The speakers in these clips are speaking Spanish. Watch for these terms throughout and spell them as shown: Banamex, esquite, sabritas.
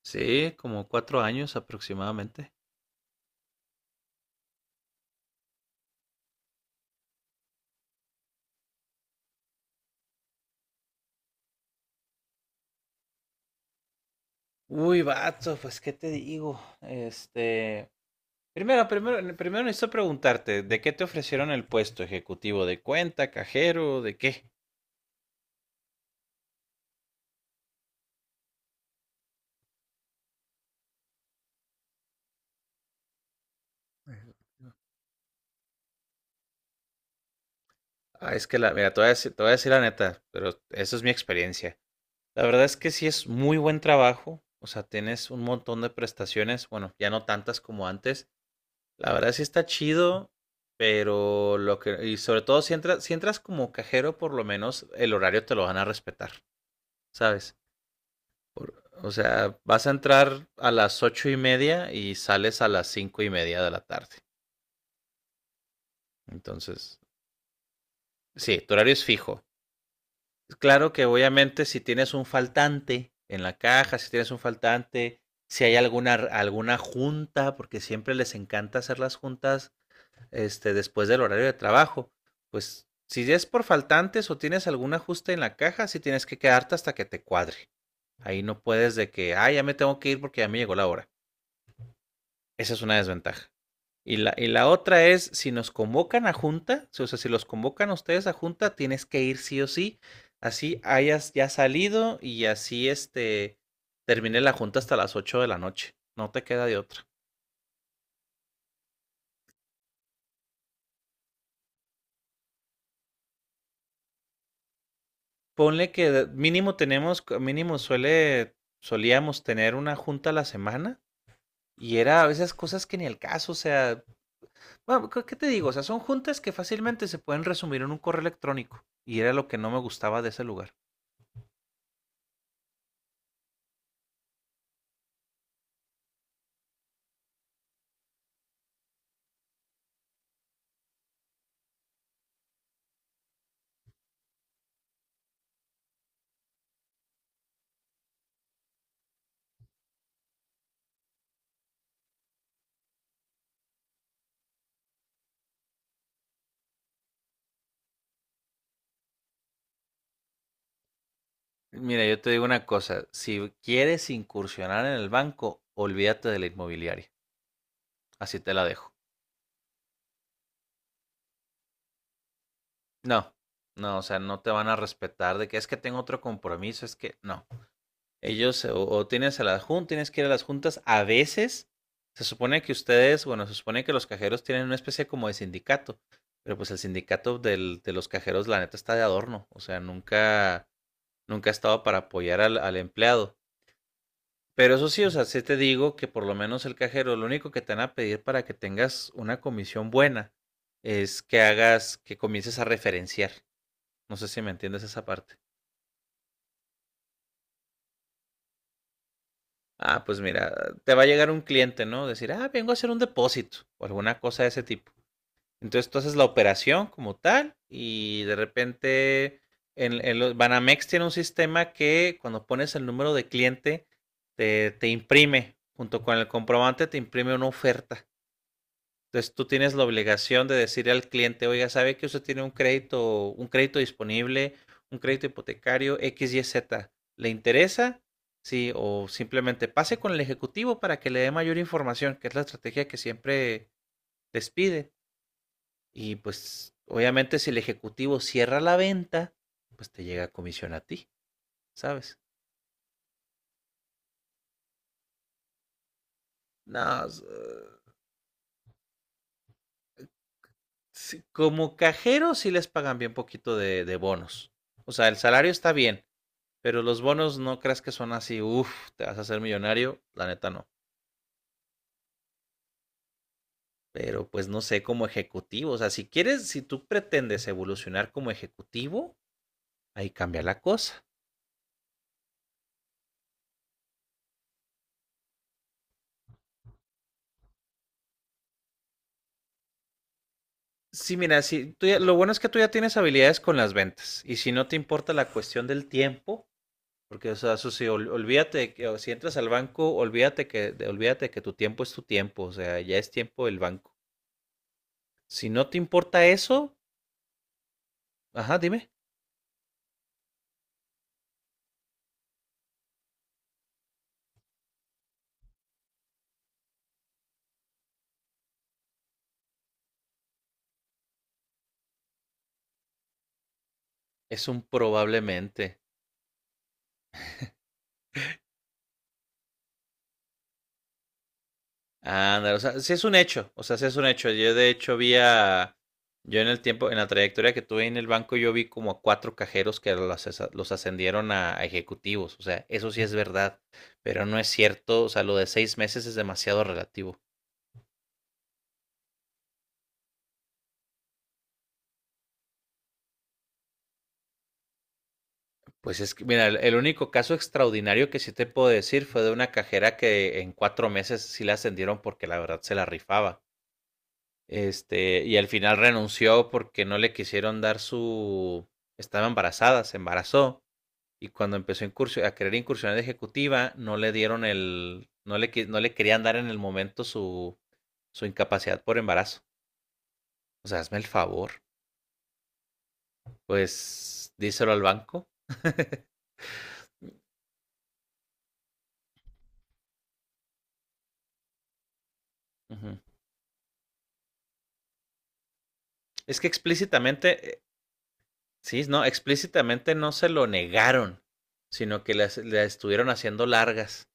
Sí, como 4 años aproximadamente. Uy, vato, pues qué te digo. Primero necesito preguntarte, ¿de qué te ofrecieron el puesto ejecutivo? ¿De cuenta, cajero, de qué? Ah, es que mira, te voy a decir la neta, pero eso es mi experiencia. La verdad es que sí es muy buen trabajo, o sea, tienes un montón de prestaciones, bueno, ya no tantas como antes. La verdad sí está chido, pero y sobre todo si entras como cajero, por lo menos el horario te lo van a respetar, ¿sabes? O sea, vas a entrar a las 8:30 y sales a las 5:30 de la tarde. Entonces, sí, tu horario es fijo. Claro que obviamente si tienes un faltante en la caja, si hay alguna junta, porque siempre les encanta hacer las juntas después del horario de trabajo. Pues si es por faltantes o tienes algún ajuste en la caja, sí tienes que quedarte hasta que te cuadre. Ahí no puedes de que, ah, ya me tengo que ir porque ya me llegó la hora. Esa es una desventaja. Y la otra es, si nos convocan a junta, o sea, si los convocan a ustedes a junta, tienes que ir sí o sí. Así hayas ya salido y así termine la junta hasta las 8 de la noche. No te queda de otra. Ponle que mínimo solíamos tener una junta a la semana y era a veces cosas que ni el caso. O sea, bueno, ¿qué te digo? O sea, son juntas que fácilmente se pueden resumir en un correo electrónico y era lo que no me gustaba de ese lugar. Mira, yo te digo una cosa, si quieres incursionar en el banco, olvídate de la inmobiliaria, así te la dejo. No, no, o sea, no te van a respetar de que es que tengo otro compromiso, es que no. Ellos o tienes a las juntas, tienes que ir a las juntas. A veces se supone que los cajeros tienen una especie como de sindicato, pero pues el sindicato de los cajeros, la neta, está de adorno. O sea, nunca, nunca ha estado para apoyar al empleado. Pero eso sí, o sea, sí te digo que por lo menos el cajero, lo único que te van a pedir para que tengas una comisión buena es que que comiences a referenciar. No sé si me entiendes esa parte. Ah, pues mira, te va a llegar un cliente, ¿no? Decir, ah, vengo a hacer un depósito o alguna cosa de ese tipo. Entonces tú haces la operación como tal y de repente Banamex tiene un sistema que cuando pones el número de cliente te imprime, junto con el comprobante te imprime una oferta. Entonces tú tienes la obligación de decirle al cliente, oiga, sabe que usted tiene un crédito disponible, un crédito hipotecario X, Y, Z. ¿Le interesa? Sí, o simplemente pase con el ejecutivo para que le dé mayor información, que es la estrategia que siempre les pide. Y pues obviamente si el ejecutivo cierra la venta, pues te llega a comisión a ti, ¿sabes? No, sí, como cajero sí les pagan bien poquito de bonos. O sea, el salario está bien. Pero los bonos no creas que son así, uff, te vas a hacer millonario, la neta no. Pero pues no sé, como ejecutivo, o sea, si quieres, si tú pretendes evolucionar como ejecutivo, ahí cambia la cosa. Sí, mira, si tú ya- lo bueno es que tú ya tienes habilidades con las ventas y si no te importa la cuestión del tiempo, porque o sea, eso sí, olvídate que o si entras al banco, olvídate que tu tiempo es tu tiempo, o sea, ya es tiempo del banco. Si no te importa eso, ajá, dime, es un probablemente. Ándale, o sea, sí es un hecho, o sea, sí es un hecho. Yo de hecho yo en el tiempo, en la trayectoria que tuve en el banco, yo vi como a cuatro cajeros que los ascendieron a ejecutivos, o sea, eso sí es verdad, pero no es cierto, o sea, lo de 6 meses es demasiado relativo. Pues es que, mira, el único caso extraordinario que sí te puedo decir fue de una cajera que en 4 meses sí la ascendieron porque la verdad se la rifaba. Y al final renunció porque no le quisieron dar su, estaba embarazada, se embarazó y cuando empezó a querer incursionar de ejecutiva, no le dieron el, no le, qui- no le querían dar en el momento su incapacidad por embarazo. O sea, hazme el favor. Pues díselo al banco. Ujú. Es que explícitamente, sí, no, explícitamente no se lo negaron, sino que le estuvieron haciendo largas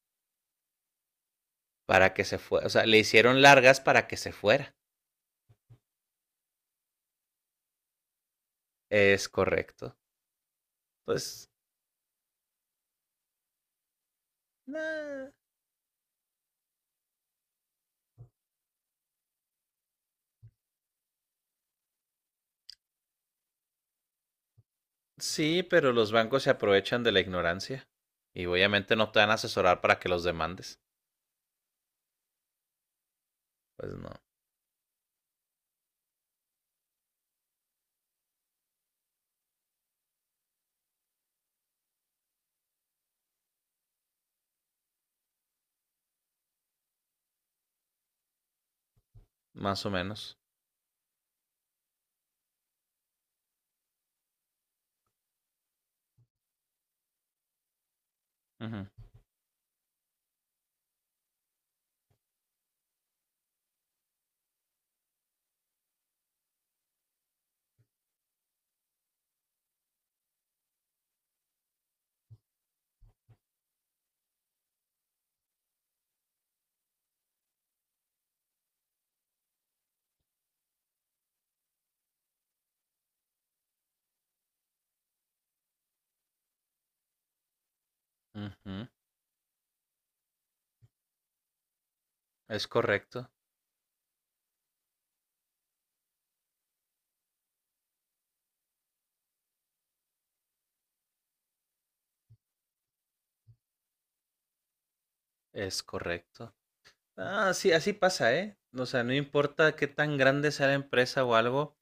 para que se fuera. O sea, le hicieron largas para que se fuera. Es correcto. Pues, nah, sí, pero los bancos se aprovechan de la ignorancia y obviamente no te van a asesorar para que los demandes. Pues no, más o menos. Ujú, ujú. Es correcto, es correcto. Ah, sí, así pasa, ¿eh? O sea, no importa qué tan grande sea la empresa o algo,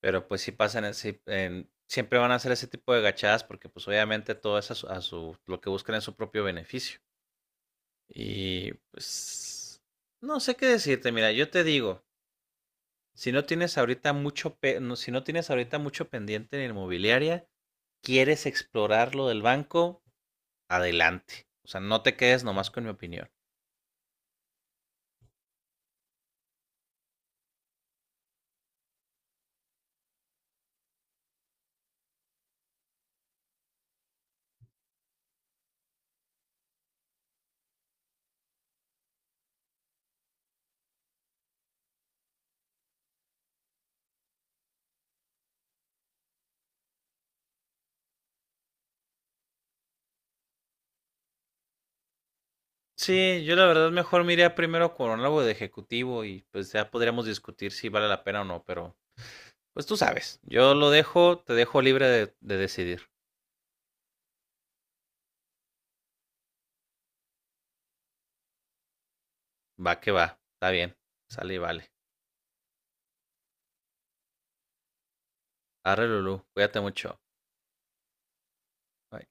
pero pues sí pasan, así, siempre van a hacer ese tipo de gachadas porque pues obviamente todo es lo que buscan es su propio beneficio. Y pues, no sé qué decirte, mira, yo te digo. Si no tienes ahorita mucho pendiente en inmobiliaria, quieres explorar lo del banco, adelante. O sea, no te quedes nomás con mi opinión. Sí, yo la verdad mejor me iría primero con algo de ejecutivo y pues ya podríamos discutir si vale la pena o no, pero pues tú sabes, te dejo libre de decidir. Va que va, está bien, sale y vale. Arre Lulú, cuídate mucho. Bye.